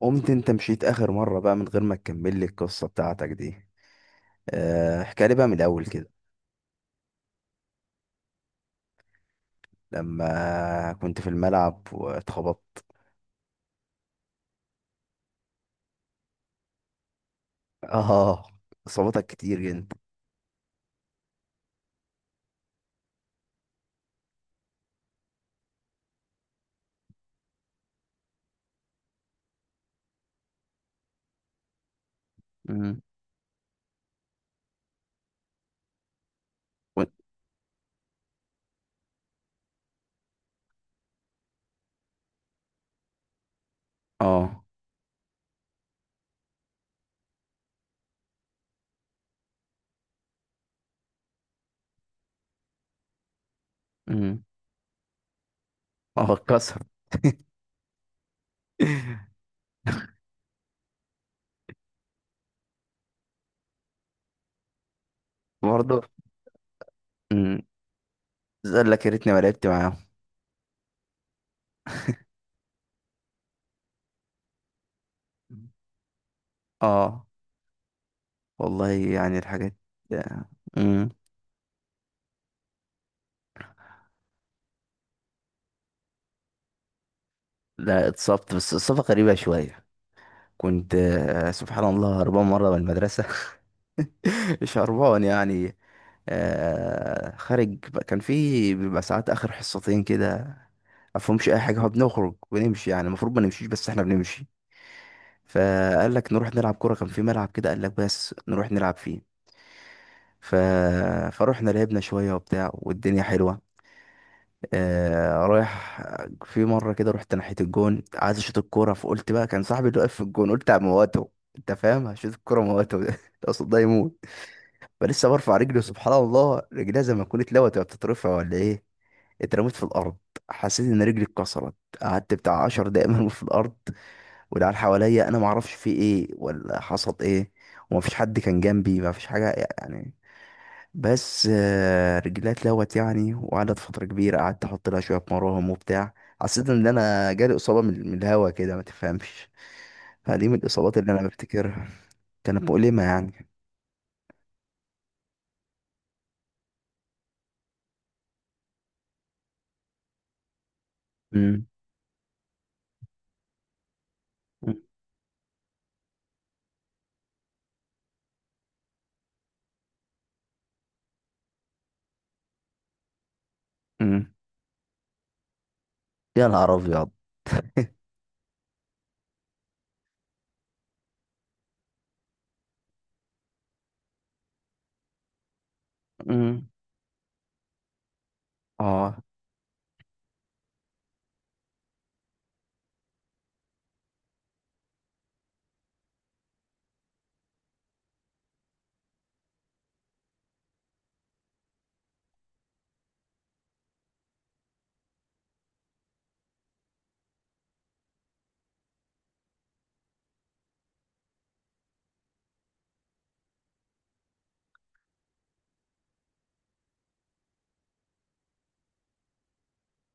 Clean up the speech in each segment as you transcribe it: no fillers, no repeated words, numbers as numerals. قمت انت مشيت اخر مرة بقى من غير ما تكمل لي القصة بتاعتك دي؟ احكي لي بقى من الاول كده. لما كنت في الملعب واتخبطت. اه. اصابتك كتير جدا. امم. و- اه. امم. اه، اتكسر. برضه. امم. قال لك يا ريتني ما لعبت معاهم. اه، والله يعني الحاجات. امم. لا، اتصبت بس اصابة غريبة شوية. كنت سبحان الله هربان مرة من المدرسة. شربان يعني. آه، كان في بيبقى ساعات اخر حصتين كده. مفهومش اي حاجه، هو بنخرج ونمشي يعني المفروض ما نمشيش بس احنا بنمشي. فقال لك نروح نلعب كوره، كان في ملعب كده، قال لك بس نروح نلعب فيه. ف... فروحنا لعبنا شويه وبتاع والدنيا حلوه. آه، رايح. في مره كده رحت ناحيه الجون عايز اشوط الكوره، فقلت بقى كان صاحبي اللي واقف في الجون قلت على مواته. انت فاهم؟ هشوط الكوره مواته ده، قصاد ده يموت. فلسه برفع رجلي، سبحان الله رجليها زي ما تكون اتلوت وهي بتترفع ولا ايه. اترميت في الارض. حسيت ان رجلي اتكسرت. قعدت بتاع 10 دقايق مرمي في الارض. والعيال حواليا انا ما اعرفش في ايه ولا حصل ايه. ومفيش حد كان جنبي، مفيش حاجه يعني. بس رجليها اتلوت يعني، وقعدت فتره كبيره قعدت احط لها شويه مراهم وبتاع. حسيت ان انا جالي اصابه من الهوا كده ما تفهمش. فدي من الاصابات اللي انا بفتكرها. كانت مؤلمه يعني. امم. امم. يا نهار ابيض. امم. اه.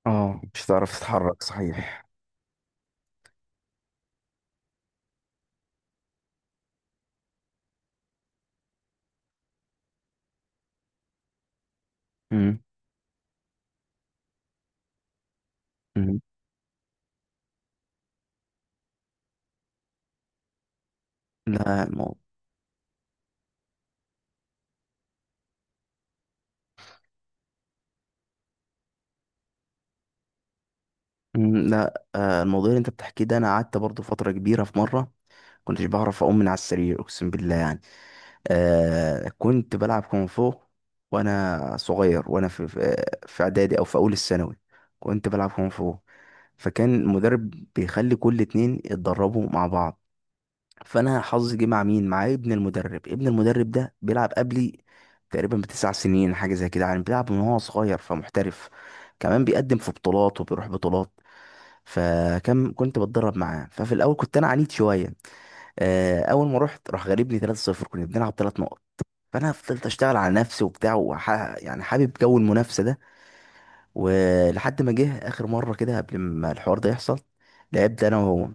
اه، مش هتعرف تتحرك صحيح. امم. امم. لا المو... مم. لا، الموضوع اللي انت بتحكيه ده انا قعدت برضو فتره كبيره. في مره كنتش بعرف اقوم من على السرير اقسم بالله يعني. كنت بلعب كونغ فو وانا صغير. وانا في في اعدادي او في اول الثانوي كنت بلعب كونغ فو. فكان المدرب بيخلي كل اتنين يتدربوا مع بعض. فانا حظي جه مع مين؟ مع ابن المدرب. ابن المدرب ده بيلعب قبلي تقريبا ب9 سنين حاجه زي كده يعني، بيلعب من وهو صغير فمحترف، كمان بيقدم في بطولات وبيروح بطولات. كنت بتدرب معاه، ففي الاول كنت انا عنيد شويه. اول ما رحت راح غالبني 3-0، كنا بنلعب 3 نقط. فانا فضلت اشتغل على نفسي وبتاع يعني حابب جو المنافسه ده. ولحد ما جه اخر مره كده قبل ما الحوار ده يحصل لعبت انا وهو.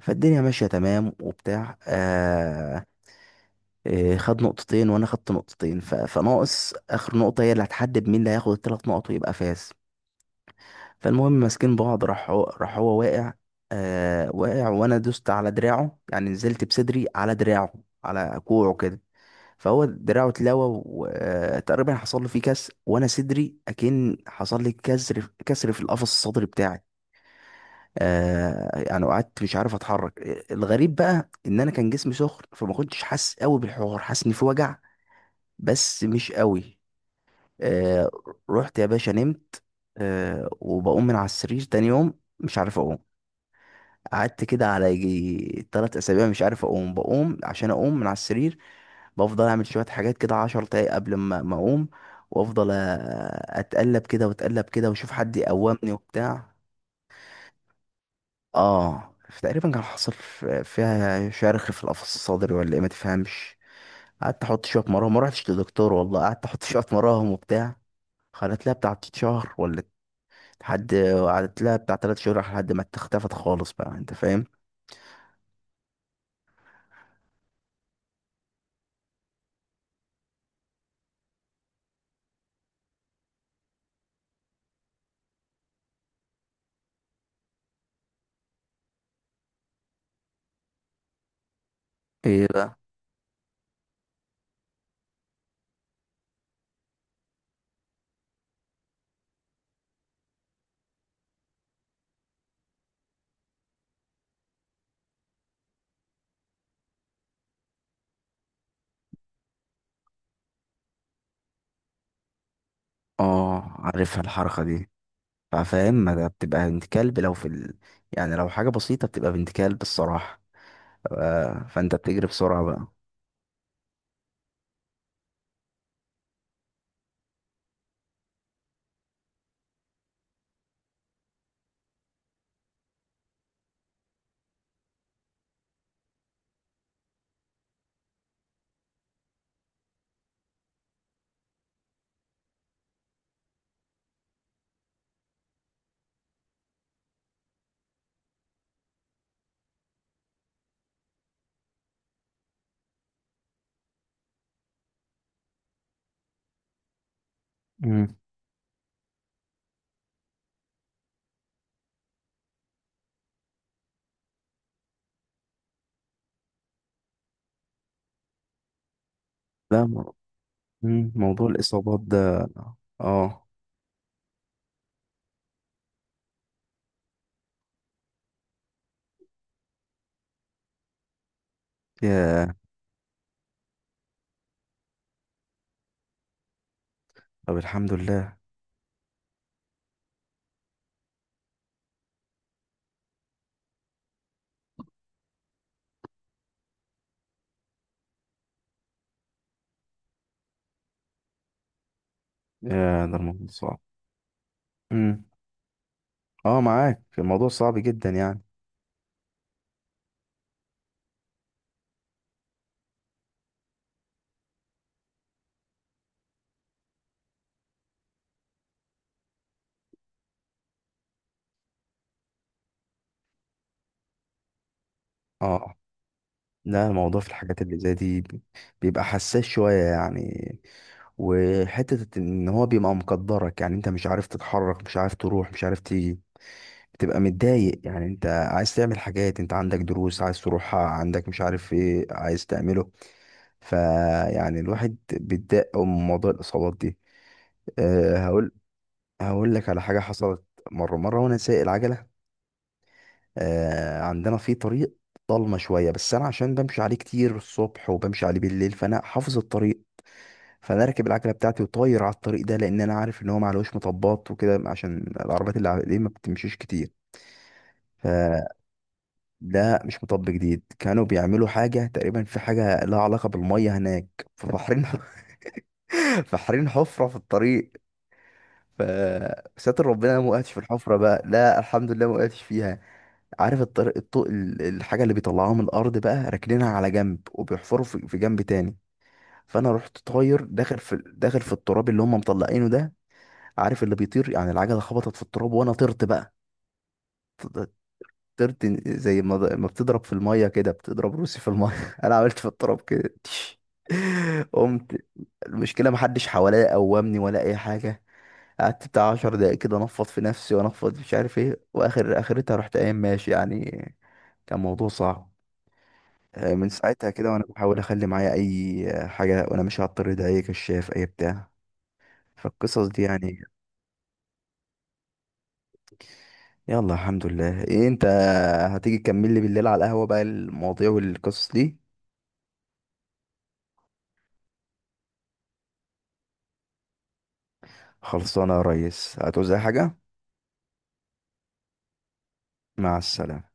فالدنيا ماشيه تمام وبتاع إيه، خد نقطتين وانا خدت نقطتين فناقص اخر نقطة، هي اللي هتحدد مين اللي هياخد الثلاث نقط ويبقى فاز. فالمهم، ماسكين بعض، راح هو واقع. واقع وانا دوست على دراعه، يعني نزلت بصدري على دراعه، على كوعه كده. فهو دراعه اتلوى وتقريبا حصل له فيه كسر، وانا صدري اكن حصل لي كسر في القفص الصدري بتاعي. آه، يعني قعدت مش عارف اتحرك. الغريب بقى ان انا كان جسمي سخن فما كنتش حاسس قوي بالحوار، حاسس ان في وجع بس مش قوي. آه. رحت يا باشا نمت. وبقوم من على السرير تاني يوم مش عارف اقوم. قعدت كده على يجي 3 اسابيع مش عارف اقوم. بقوم عشان اقوم من على السرير بفضل اعمل شوية حاجات كده عشر دقايق قبل ما اقوم. وافضل اتقلب كده واتقلب كده واشوف حد يقومني وبتاع. اه. تقريبا كان حصل فيها شرخ في القفص الصدري ولا ايه ما تفهمش. قعدت احط شويه مراهم ما رحتش لدكتور والله، قعدت احط شويه مراهم وبتاع. خلت لها بتاع 3 شهر ولا... لحد. قعدت لها بتاع 3 شهور لحد ما اختفت خالص بقى انت فاهم. ايه بقى؟ اه، عارفها الحركة دي. فاهم، ما ده بتبقى بنت كلب لو في يعني لو حاجة بسيطة بتبقى بنت كلب الصراحة. فانت بتجري بسرعة بقى. امم. لا مو- موضوع الإصابات ده. اه. يا. طب الحمد لله. يا، ده الموضوع صعب. مم. اه، معاك الموضوع صعب جدا يعني. اه. لا الموضوع في الحاجات اللي زي دي بيبقى حساس شوية يعني. وحتة ان هو بيبقى مقدرك يعني، انت مش عارف تتحرك، مش عارف تروح، مش عارف تيجي. بتبقى متضايق يعني، انت عايز تعمل حاجات، انت عندك دروس عايز تروحها، عندك مش عارف ايه عايز تعمله. فيعني الواحد بيتضايق أوي من موضوع الإصابات دي. أه هقول. هقول لك على حاجة حصلت. مرة وانا سايق العجلة. عندنا في طريق ضلمه شويه، بس انا عشان بمشي عليه كتير الصبح وبمشي عليه بالليل فانا حافظ الطريق. فانا راكب العجله بتاعتي وطاير على الطريق ده، لان انا عارف ان هو معلوش مطبات وكده عشان العربيات اللي عليه ما بتمشيش كتير. فده مش مطب جديد، كانوا بيعملوا حاجه تقريبا، في حاجه لها علاقه بالميه هناك فبحرين. فحرين حفره في الطريق. ف- ستر ربنا، أنا ما وقعتش في الحفره بقى، لا الحمد لله ما وقعتش فيها. عارف الطرق، الطوق الحاجة اللي بيطلعوها من الأرض بقى راكنينها على جنب وبيحفروا في جنب تاني. فأنا رحت طاير داخل في التراب اللي هم مطلعينه ده. عارف اللي بيطير يعني، العجلة خبطت في التراب وأنا طرت بقى. ط- طرت زي ما بتضرب في المية كده، بتضرب روسي في المية. أنا عملت في التراب كده، تش. قمت. المشكلة محدش حواليا قومني ولا أي حاجة. قعدت بتاع 10 دقايق كده انفض في نفسي وانفض مش عارف ايه، واخر اخرتها رحت قايم ماشي يعني. كان موضوع صعب. من ساعتها كده وانا بحاول اخلي معايا اي حاجه وانا ماشي على الطريق ده، اي كشاف اي بتاع. فالقصص دي يعني. يلا الحمد لله. ايه انت، هتيجي تكمل لي بالليل على القهوه بقى المواضيع والقصص دي؟ خلصانه يا ريس، هتعوز اي حاجه؟ مع السلامه.